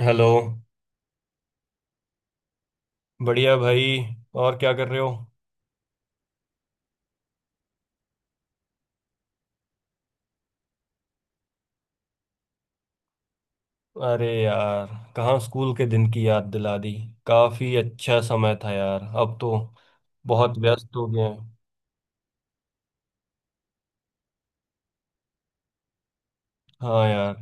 Hello. बढ़िया भाई। और क्या कर रहे हो? अरे यार, कहाँ स्कूल के दिन की याद दिला दी। काफी अच्छा समय था यार, अब तो बहुत व्यस्त हो गए हैं। हाँ यार।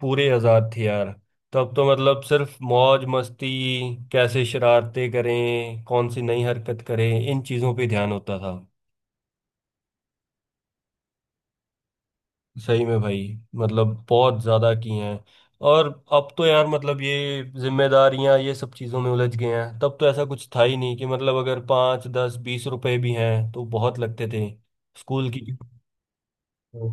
पूरे आजाद थे यार, तब तो मतलब सिर्फ मौज मस्ती। कैसे शरारतें करें, कौन सी नई हरकत करें, इन चीजों पे ध्यान होता था। सही में भाई, मतलब बहुत ज्यादा की हैं। और अब तो यार मतलब ये जिम्मेदारियां ये सब चीजों में उलझ गए हैं, तब तो ऐसा कुछ था ही नहीं कि मतलब अगर 5 10 20 रुपए भी हैं तो बहुत लगते थे स्कूल की। तो,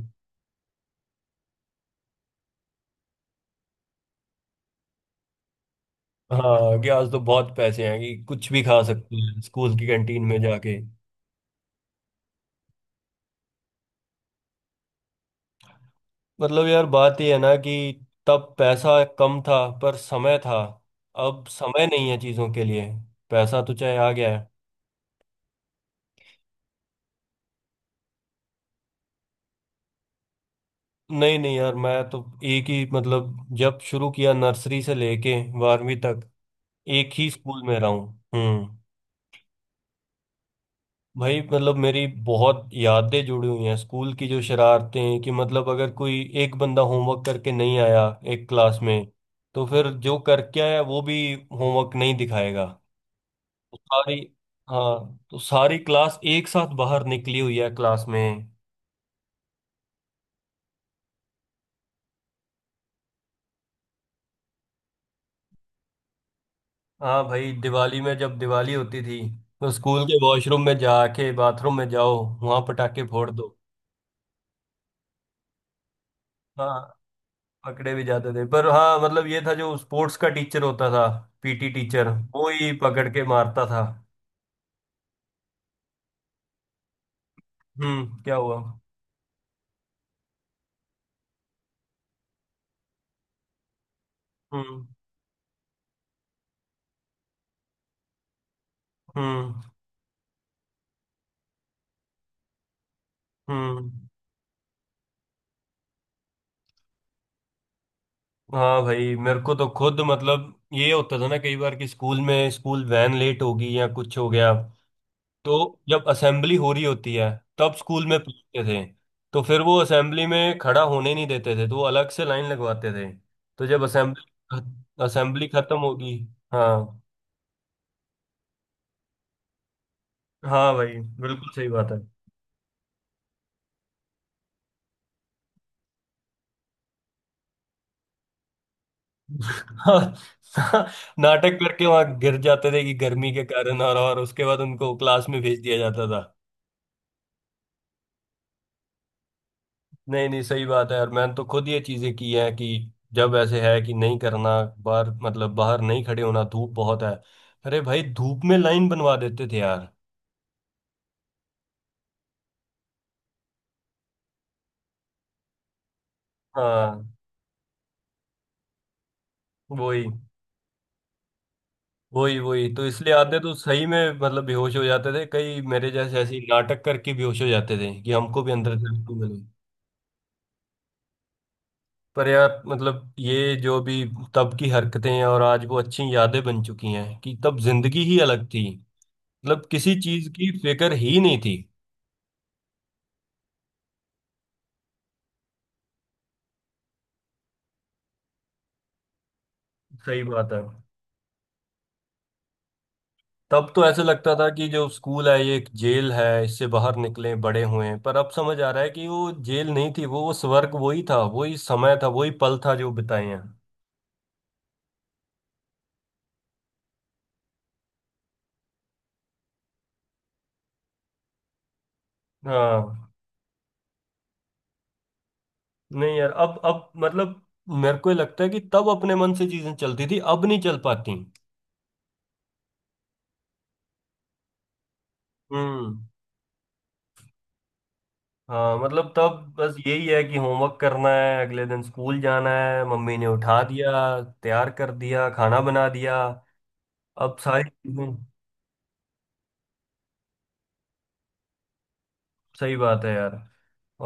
हाँ कि आज तो बहुत पैसे हैं कि कुछ भी खा सकते हैं स्कूल की कैंटीन में जाके। मतलब यार बात ये है ना कि तब पैसा कम था, पर समय था। अब समय नहीं है चीजों के लिए, पैसा तो चाहे आ गया है। नहीं नहीं यार, मैं तो एक ही मतलब जब शुरू किया नर्सरी से लेके बारहवीं तक एक ही स्कूल में रहा हूँ। हम्म। भाई मतलब मेरी बहुत यादें जुड़ी हुई हैं स्कूल की। जो शरारतें कि मतलब अगर कोई एक बंदा होमवर्क करके नहीं आया एक क्लास में, तो फिर जो करके आया वो भी होमवर्क नहीं दिखाएगा। तो सारी, हाँ तो सारी क्लास एक साथ बाहर निकली हुई है क्लास में। हाँ भाई, दिवाली में जब दिवाली होती थी तो स्कूल के वॉशरूम में जाके बाथरूम में जाओ, वहां पटाखे फोड़ दो। हाँ पकड़े भी जाते थे, पर हाँ मतलब ये था जो स्पोर्ट्स का टीचर होता था, पीटी टीचर, वो ही पकड़ के मारता था। हम्म, क्या हुआ? हम्म। हम्म। हम्म। हाँ भाई, मेरे को तो खुद मतलब ये होता था ना कई बार कि स्कूल में स्कूल वैन लेट होगी या कुछ हो गया, तो जब असेंबली हो रही होती है तब स्कूल में पूछते थे, तो फिर वो असेंबली में खड़ा होने नहीं देते थे, तो वो अलग से लाइन लगवाते थे, तो जब असेंबली, असेंबली खत्म होगी। हाँ। हाँ भाई। बिल्कुल सही बात है। हाँ, नाटक करके वहां गिर जाते थे कि गर्मी के कारण, और उसके बाद उनको क्लास में भेज दिया जाता। नहीं नहीं सही बात है, और मैंने तो खुद ये चीजें की हैं कि जब ऐसे है कि नहीं करना, बाहर मतलब बाहर नहीं खड़े होना, धूप बहुत है। अरे भाई धूप में लाइन बनवा देते थे यार। हाँ। वही। वही वही तो इसलिए आते तो सही में मतलब बेहोश हो जाते थे, कई मेरे जैसे ऐसे ही नाटक करके बेहोश हो जाते थे कि हमको भी अंदर से छुट्टी मिले। पर यार मतलब ये जो भी तब की हरकतें हैं, और आज वो अच्छी यादें बन चुकी हैं कि तब जिंदगी ही अलग थी। मतलब किसी चीज की फिक्र ही नहीं थी। सही बात है। तब तो ऐसे लगता था कि जो स्कूल है ये एक जेल है, इससे बाहर निकले बड़े हुए हैं, पर अब समझ आ रहा है कि वो जेल नहीं थी, वो स्वर्ग वही था, वही समय था, वही पल था जो बिताए हैं। हाँ नहीं यार, अब मतलब मेरे को ये लगता है कि तब अपने मन से चीजें चलती थी, अब नहीं चल पाती। हम्म। हाँ मतलब तब बस यही है कि होमवर्क करना है, अगले दिन स्कूल जाना है, मम्मी ने उठा दिया, तैयार कर दिया, खाना बना दिया, अब सारी चीजें। सही बात है यार,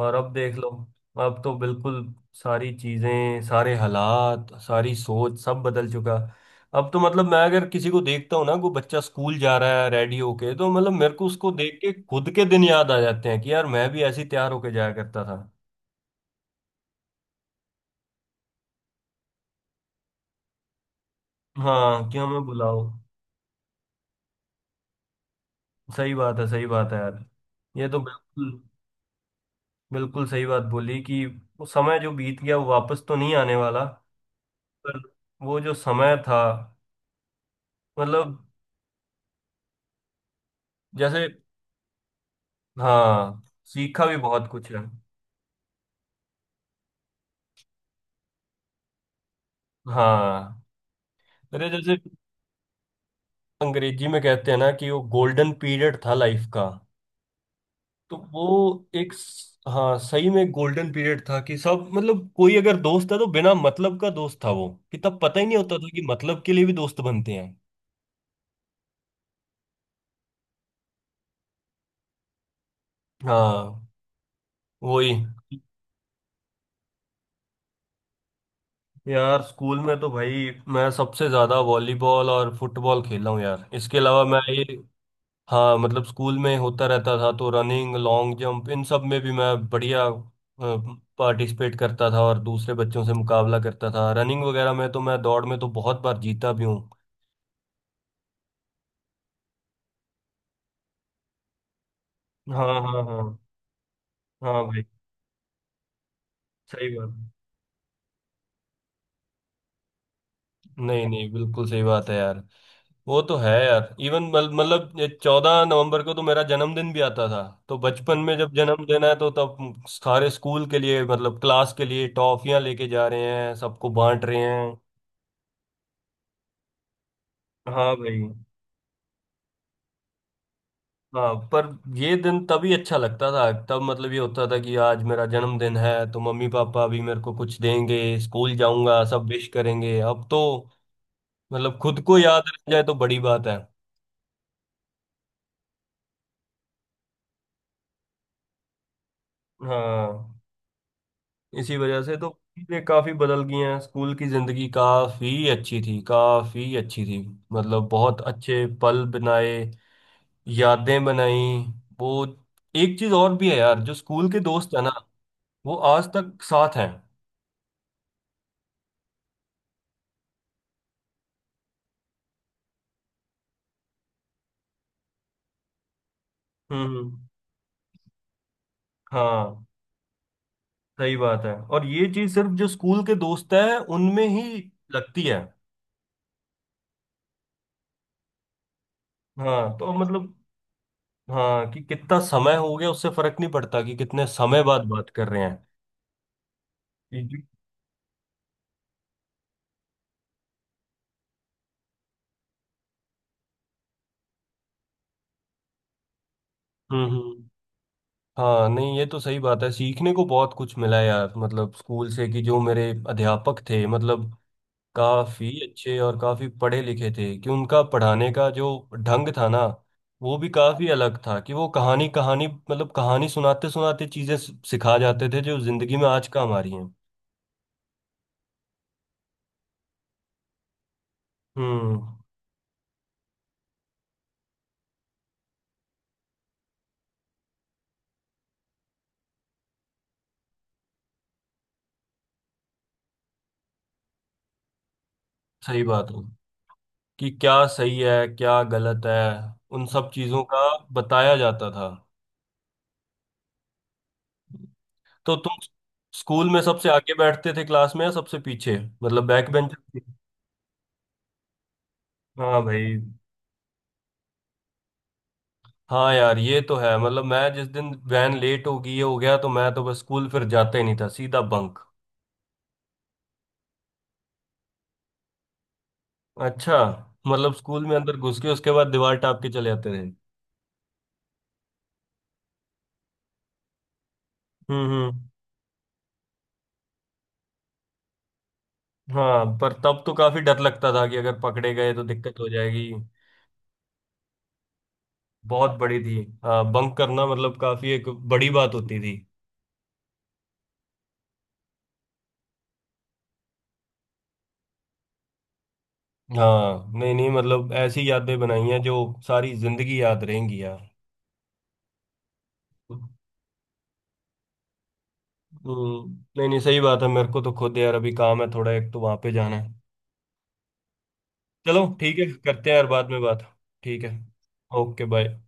और अब देख लो, अब तो बिल्कुल सारी चीजें, सारे हालात, सारी सोच सब बदल चुका। अब तो मतलब मैं अगर किसी को देखता हूँ ना कोई बच्चा स्कूल जा रहा है रेडी होके, तो मतलब मेरे को उसको देख के खुद के दिन याद आ जाते हैं कि यार मैं भी ऐसे ही तैयार होके जाया करता था। हाँ क्यों मैं बुलाओ। सही बात है यार, ये तो बिल्कुल। बिल्कुल सही बात बोली कि वो समय जो बीत गया वो वापस तो नहीं आने वाला, पर वो जो समय था। मतलब जैसे हाँ, सीखा भी बहुत कुछ है। हाँ। अरे जैसे अंग्रेजी में कहते हैं ना कि वो गोल्डन पीरियड था लाइफ का। तो हाँ सही में गोल्डन पीरियड था कि सब मतलब कोई अगर दोस्त था तो बिना मतलब का दोस्त था वो, कि तब पता ही नहीं होता था कि मतलब के लिए भी दोस्त बनते हैं। हाँ। वही। यार स्कूल में तो भाई मैं सबसे ज्यादा वॉलीबॉल और फुटबॉल खेला हूँ यार, इसके अलावा मैं ये। हाँ मतलब स्कूल में होता रहता था तो रनिंग, लॉन्ग जंप इन सब में भी मैं बढ़िया पार्टिसिपेट करता था, और दूसरे बच्चों से मुकाबला करता था रनिंग वगैरह में, तो मैं दौड़ में तो बहुत बार जीता भी हूँ। हाँ हाँ हाँ। हाँ भाई। सही बात है। नहीं नहीं बिल्कुल सही बात है यार। वो तो है यार, इवन मतलब 14 नवंबर को तो मेरा जन्मदिन भी आता था। तो बचपन में जब जन्म देना है तो तब सारे स्कूल के लिए मतलब क्लास के लिए टॉफियां लेके जा रहे हैं सबको बांट रहे हैं। हाँ भाई। हाँ पर ये दिन तभी अच्छा लगता था, तब मतलब ये होता था कि आज मेरा जन्मदिन है तो मम्मी पापा भी मेरे को कुछ देंगे, स्कूल जाऊंगा सब विश करेंगे। अब तो मतलब खुद को याद रह जाए तो बड़ी बात है। हाँ। इसी वजह से तो चीजें काफी बदल गई हैं। स्कूल की जिंदगी काफी अच्छी थी, काफी अच्छी थी। मतलब बहुत अच्छे पल बनाए, यादें बनाई। वो एक चीज और भी है यार, जो स्कूल के दोस्त है ना वो आज तक साथ हैं। हम्म। हाँ सही बात है, और ये चीज सिर्फ जो स्कूल के दोस्त है उनमें ही लगती है। हाँ तो मतलब, हाँ कि कितना समय हो गया उससे फर्क नहीं पड़ता, कि कितने समय बाद बात कर रहे हैं। ये जो- हम्म। हम्म। हाँ नहीं ये तो सही बात है, सीखने को बहुत कुछ मिला यार, मतलब स्कूल से कि जो मेरे अध्यापक थे मतलब काफी अच्छे और काफी पढ़े लिखे थे, कि उनका पढ़ाने का जो ढंग था ना वो भी काफी अलग था, कि वो कहानी कहानी मतलब कहानी सुनाते सुनाते चीजें सिखा जाते थे जो जिंदगी में आज काम आ रही हैं। हम्म। सही बात है, कि क्या सही है, क्या गलत है, उन सब चीजों का बताया जाता था। तो तुम स्कूल में सबसे आगे बैठते थे क्लास में या सबसे पीछे? मतलब बैक बेंचर थे? हाँ भाई। हाँ यार ये तो है, मतलब मैं जिस दिन वैन लेट हो गया तो मैं तो बस स्कूल फिर जाता ही नहीं था, सीधा बंक। अच्छा। मतलब स्कूल में अंदर घुस के उसके बाद दीवार टाप के चले आते थे। हम्म। हम्म। हाँ पर तब तो काफी डर लगता था कि अगर पकड़े गए तो दिक्कत हो जाएगी। बहुत बड़ी थी। हाँ बंक करना मतलब काफी एक बड़ी बात होती थी। हाँ नहीं नहीं मतलब ऐसी यादें बनाई हैं जो सारी जिंदगी याद रहेंगी यार। नहीं नहीं सही बात है, मेरे को तो खुद यार अभी काम है थोड़ा, एक तो वहां पे जाना है। चलो ठीक है, करते हैं यार बाद में बात। ठीक है। Okay bye.